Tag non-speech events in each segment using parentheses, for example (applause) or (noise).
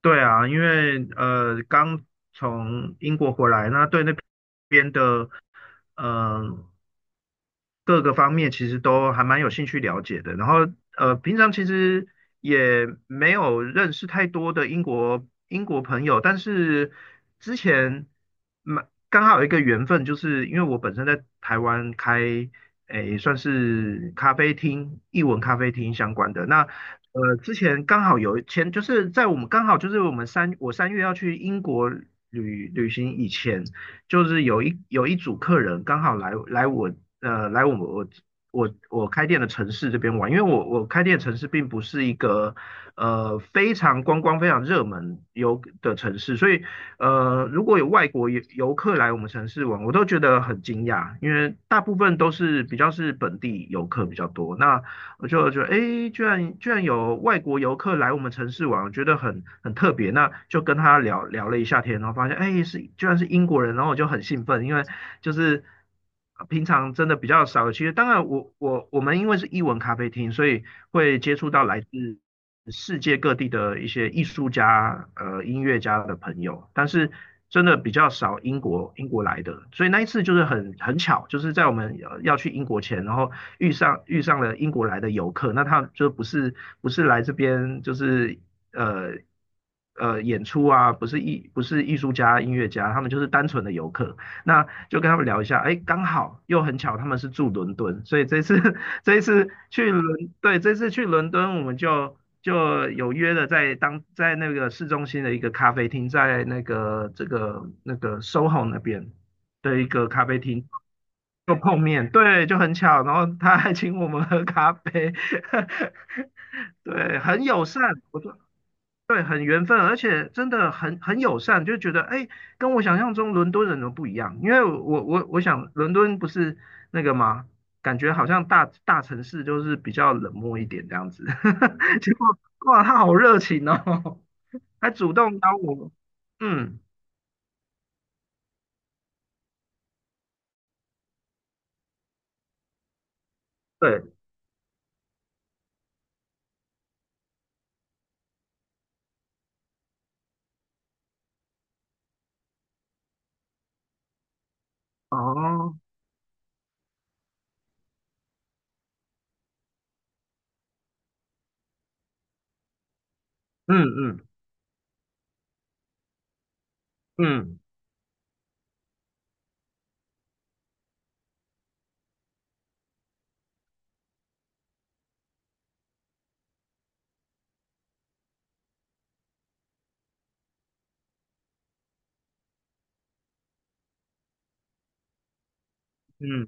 对啊，因为刚从英国回来，那对那边的嗯、呃各个方面其实都还蛮有兴趣了解的。然后平常其实也没有认识太多的英国朋友，但是之前蛮刚好有一个缘分，就是因为我本身在台湾开诶算是咖啡厅、译文咖啡厅相关的那。之前刚好就是在我们刚好就是我们三我三月要去英国旅行以前，就是有一组客人刚好来我开店的城市这边玩，因为我开店的城市并不是一个非常观光非常热门游的城市，所以如果有外国游客来我们城市玩，我都觉得很惊讶，因为大部分都是比较是本地游客比较多。那我就觉得，诶，居然有外国游客来我们城市玩，我觉得很特别。那就跟他聊了一下天，然后发现，诶，居然是英国人，然后我就很兴奋，因为就是平常真的比较少。其实当然我们因为是英文咖啡厅，所以会接触到来自世界各地的一些艺术家、音乐家的朋友，但是真的比较少英国来的，所以那一次就是很巧，就是在我们要去英国前，然后遇上了英国来的游客，那他就不是来这边就是呃演出啊，不是艺术家、音乐家，他们就是单纯的游客，那就跟他们聊一下，哎，刚好又很巧，他们是住伦敦，所以这一次对，这次去伦敦，我们就有约了在那个市中心的一个咖啡厅，在 SOHO 那边的一个咖啡厅就碰面，对，就很巧，然后他还请我们喝咖啡，(laughs) 对，很友善，我说对，很缘分，而且真的很友善，就觉得哎，跟我想象中伦敦人都不一样。因为我想伦敦不是那个嘛，感觉好像大城市就是比较冷漠一点这样子。(laughs) 结果哇，他好热情哦，还主动邀我。嗯，对，哦，嗯嗯嗯嗯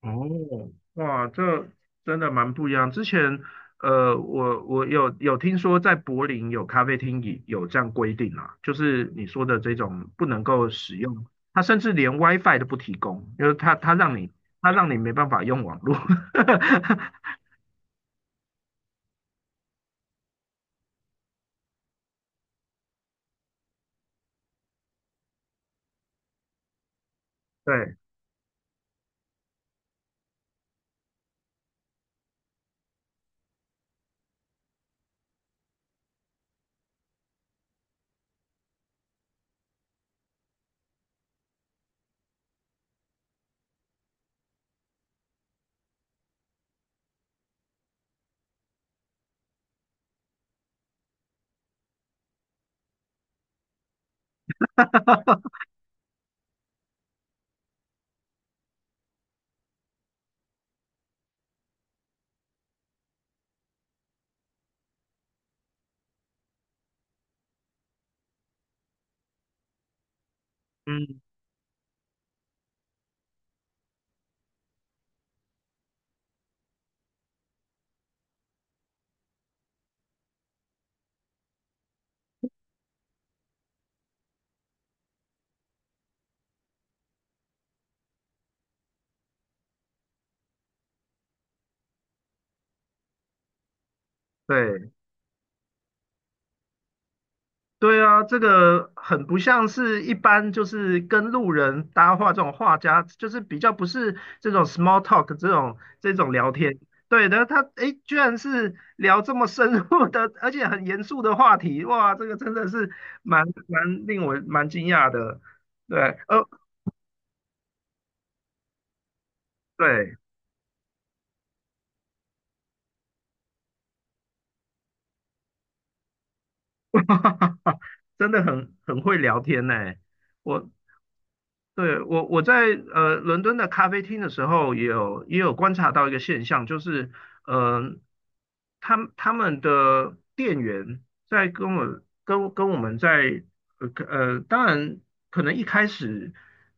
哦，哇，这真的蛮不一样。之前，我有听说在柏林有咖啡厅也有这样规定啊，就是你说的这种不能够使用，它甚至连 WiFi 都不提供，就是它让你没办法用网络。(laughs) 对，嗯，对。对啊，这个很不像是一般就是跟路人搭话这种画家，就是比较不是这种 small talk 这种聊天。对的，他诶，居然是聊这么深入的，而且很严肃的话题，哇，这个真的是蛮蛮令我蛮惊讶的。对，对，(laughs) 真的很会聊天呢。我对，我在伦敦的咖啡厅的时候，也有观察到一个现象，就是呃，他们的店员在跟我们在当然可能一开始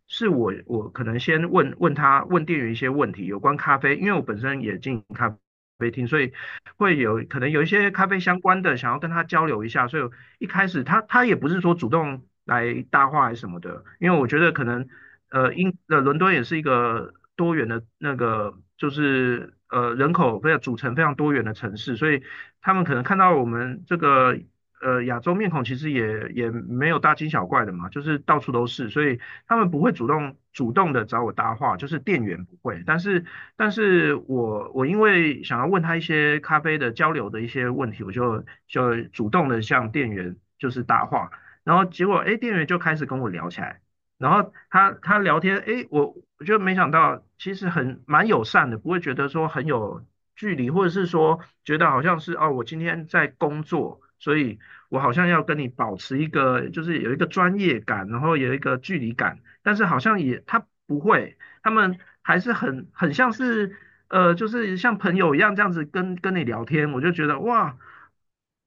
是我可能先问店员一些问题有关咖啡，因为我本身也进咖啡厅，所以会有可能有一些咖啡相关的想要跟他交流一下，所以一开始他也不是说主动来搭话还是什么的，因为我觉得可能伦敦也是一个多元的那个，就是人口非常组成非常多元的城市，所以他们可能看到我们这个亚洲面孔，其实也也没有大惊小怪的嘛，就是到处都是，所以他们不会主动的找我搭话，就是店员不会，但是我因为想要问他一些咖啡的交流的一些问题，我就主动的向店员就是搭话。然后结果，哎，店员就开始跟我聊起来，然后他聊天，诶，我就没想到，其实很蛮友善的，不会觉得说很有距离，或者是说觉得好像是哦，我今天在工作，所以我好像要跟你保持一个就是有一个专业感，然后有一个距离感，但是好像也他不会，他们还是很像是,就是像朋友一样这样子跟你聊天，我就觉得哇，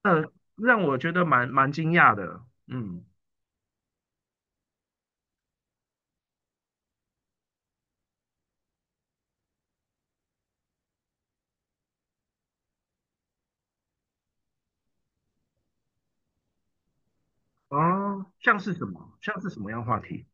呃，让我觉得蛮惊讶的，嗯，哦，像是什么，像是什么样的话题？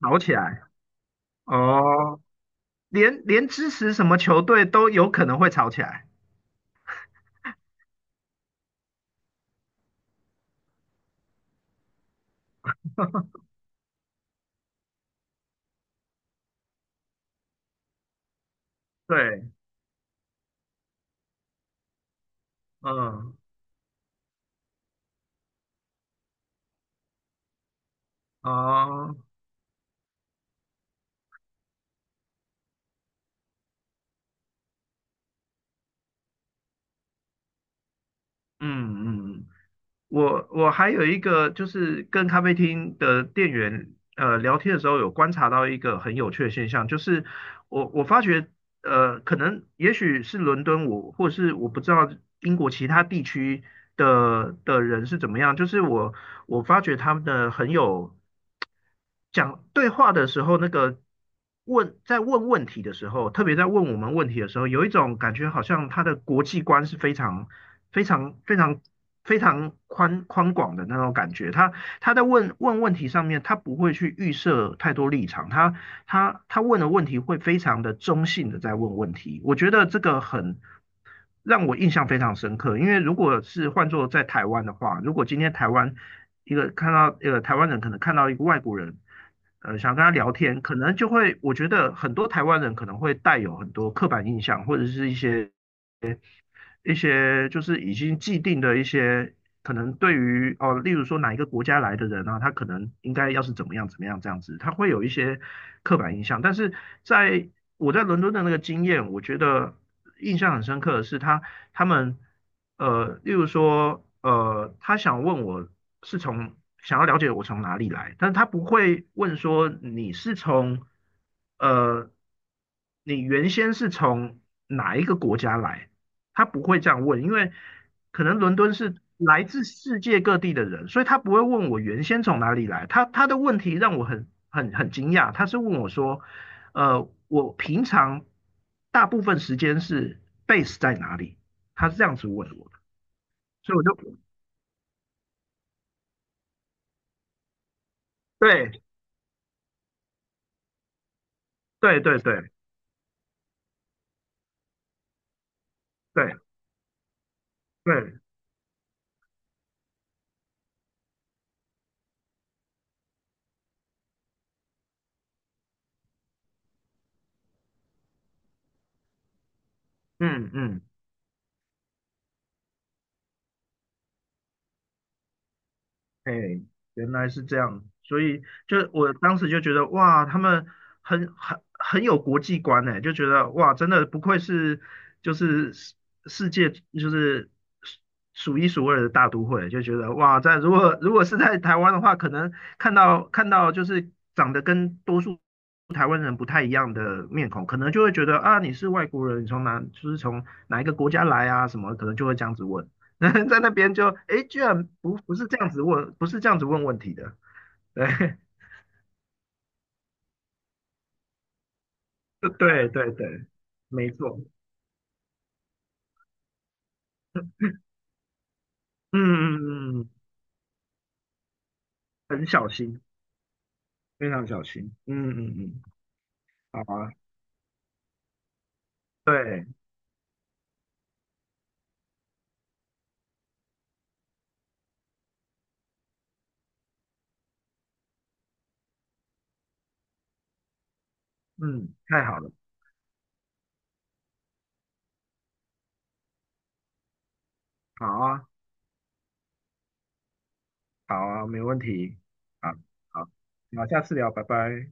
吵起来哦，连支持什么球队都有可能会吵起来。对，嗯，哦，嗯嗯，我还有一个就是跟咖啡厅的店员聊天的时候，有观察到一个很有趣的现象，就是我发觉,可能也许是伦敦我，或是我不知道英国其他地区的人是怎么样，就是我发觉他们的很有讲对话的时候，那个在问问题的时候，特别在问我们问题的时候，有一种感觉，好像他的国际观是非常、非常、非常、非常宽广的那种感觉。他在问问题上面，他不会去预设太多立场，他问的问题会非常的中性的在问问题。我觉得这个很让我印象非常深刻。因为如果是换做在台湾的话，如果今天台湾人可能看到一个外国人，想跟他聊天，可能就会我觉得很多台湾人可能会带有很多刻板印象或者是一些就是已经既定的一些可能对于哦，例如说哪一个国家来的人啊，他可能应该要是怎么样怎么样这样子，他会有一些刻板印象。但是在我在伦敦的那个经验，我觉得印象很深刻的是他们例如说他想问我是从想要了解我从哪里来，但是他不会问说呃。你原先是从哪一个国家来？他不会这样问，因为可能伦敦是来自世界各地的人，所以他不会问我原先从哪里来。他的问题让我很惊讶，他是问我说，我平常大部分时间是 base 在哪里？他是这样子问我的，所以我就对对对对对对，嗯嗯。哎，原来是这样，所以就我当时就觉得哇，他们很有国际观呢，就觉得哇，真的不愧是就是世界就是数数一数二的大都会，就觉得哇，如果是在台湾的话，可能看到就是长得跟多数台湾人不太一样的面孔，可能就会觉得啊，你是外国人，你从哪就是从哪一个国家来啊什么，可能就会这样子问。(laughs) 在那边就哎诶，居然不是这样子问，不是这样子问问题的，对 (laughs) 对对对，没错，嗯嗯嗯，很小心，非常小心，嗯嗯嗯，好啊，对，嗯，太好了，好啊，好啊，没问题，好，好，好，下次聊，拜拜。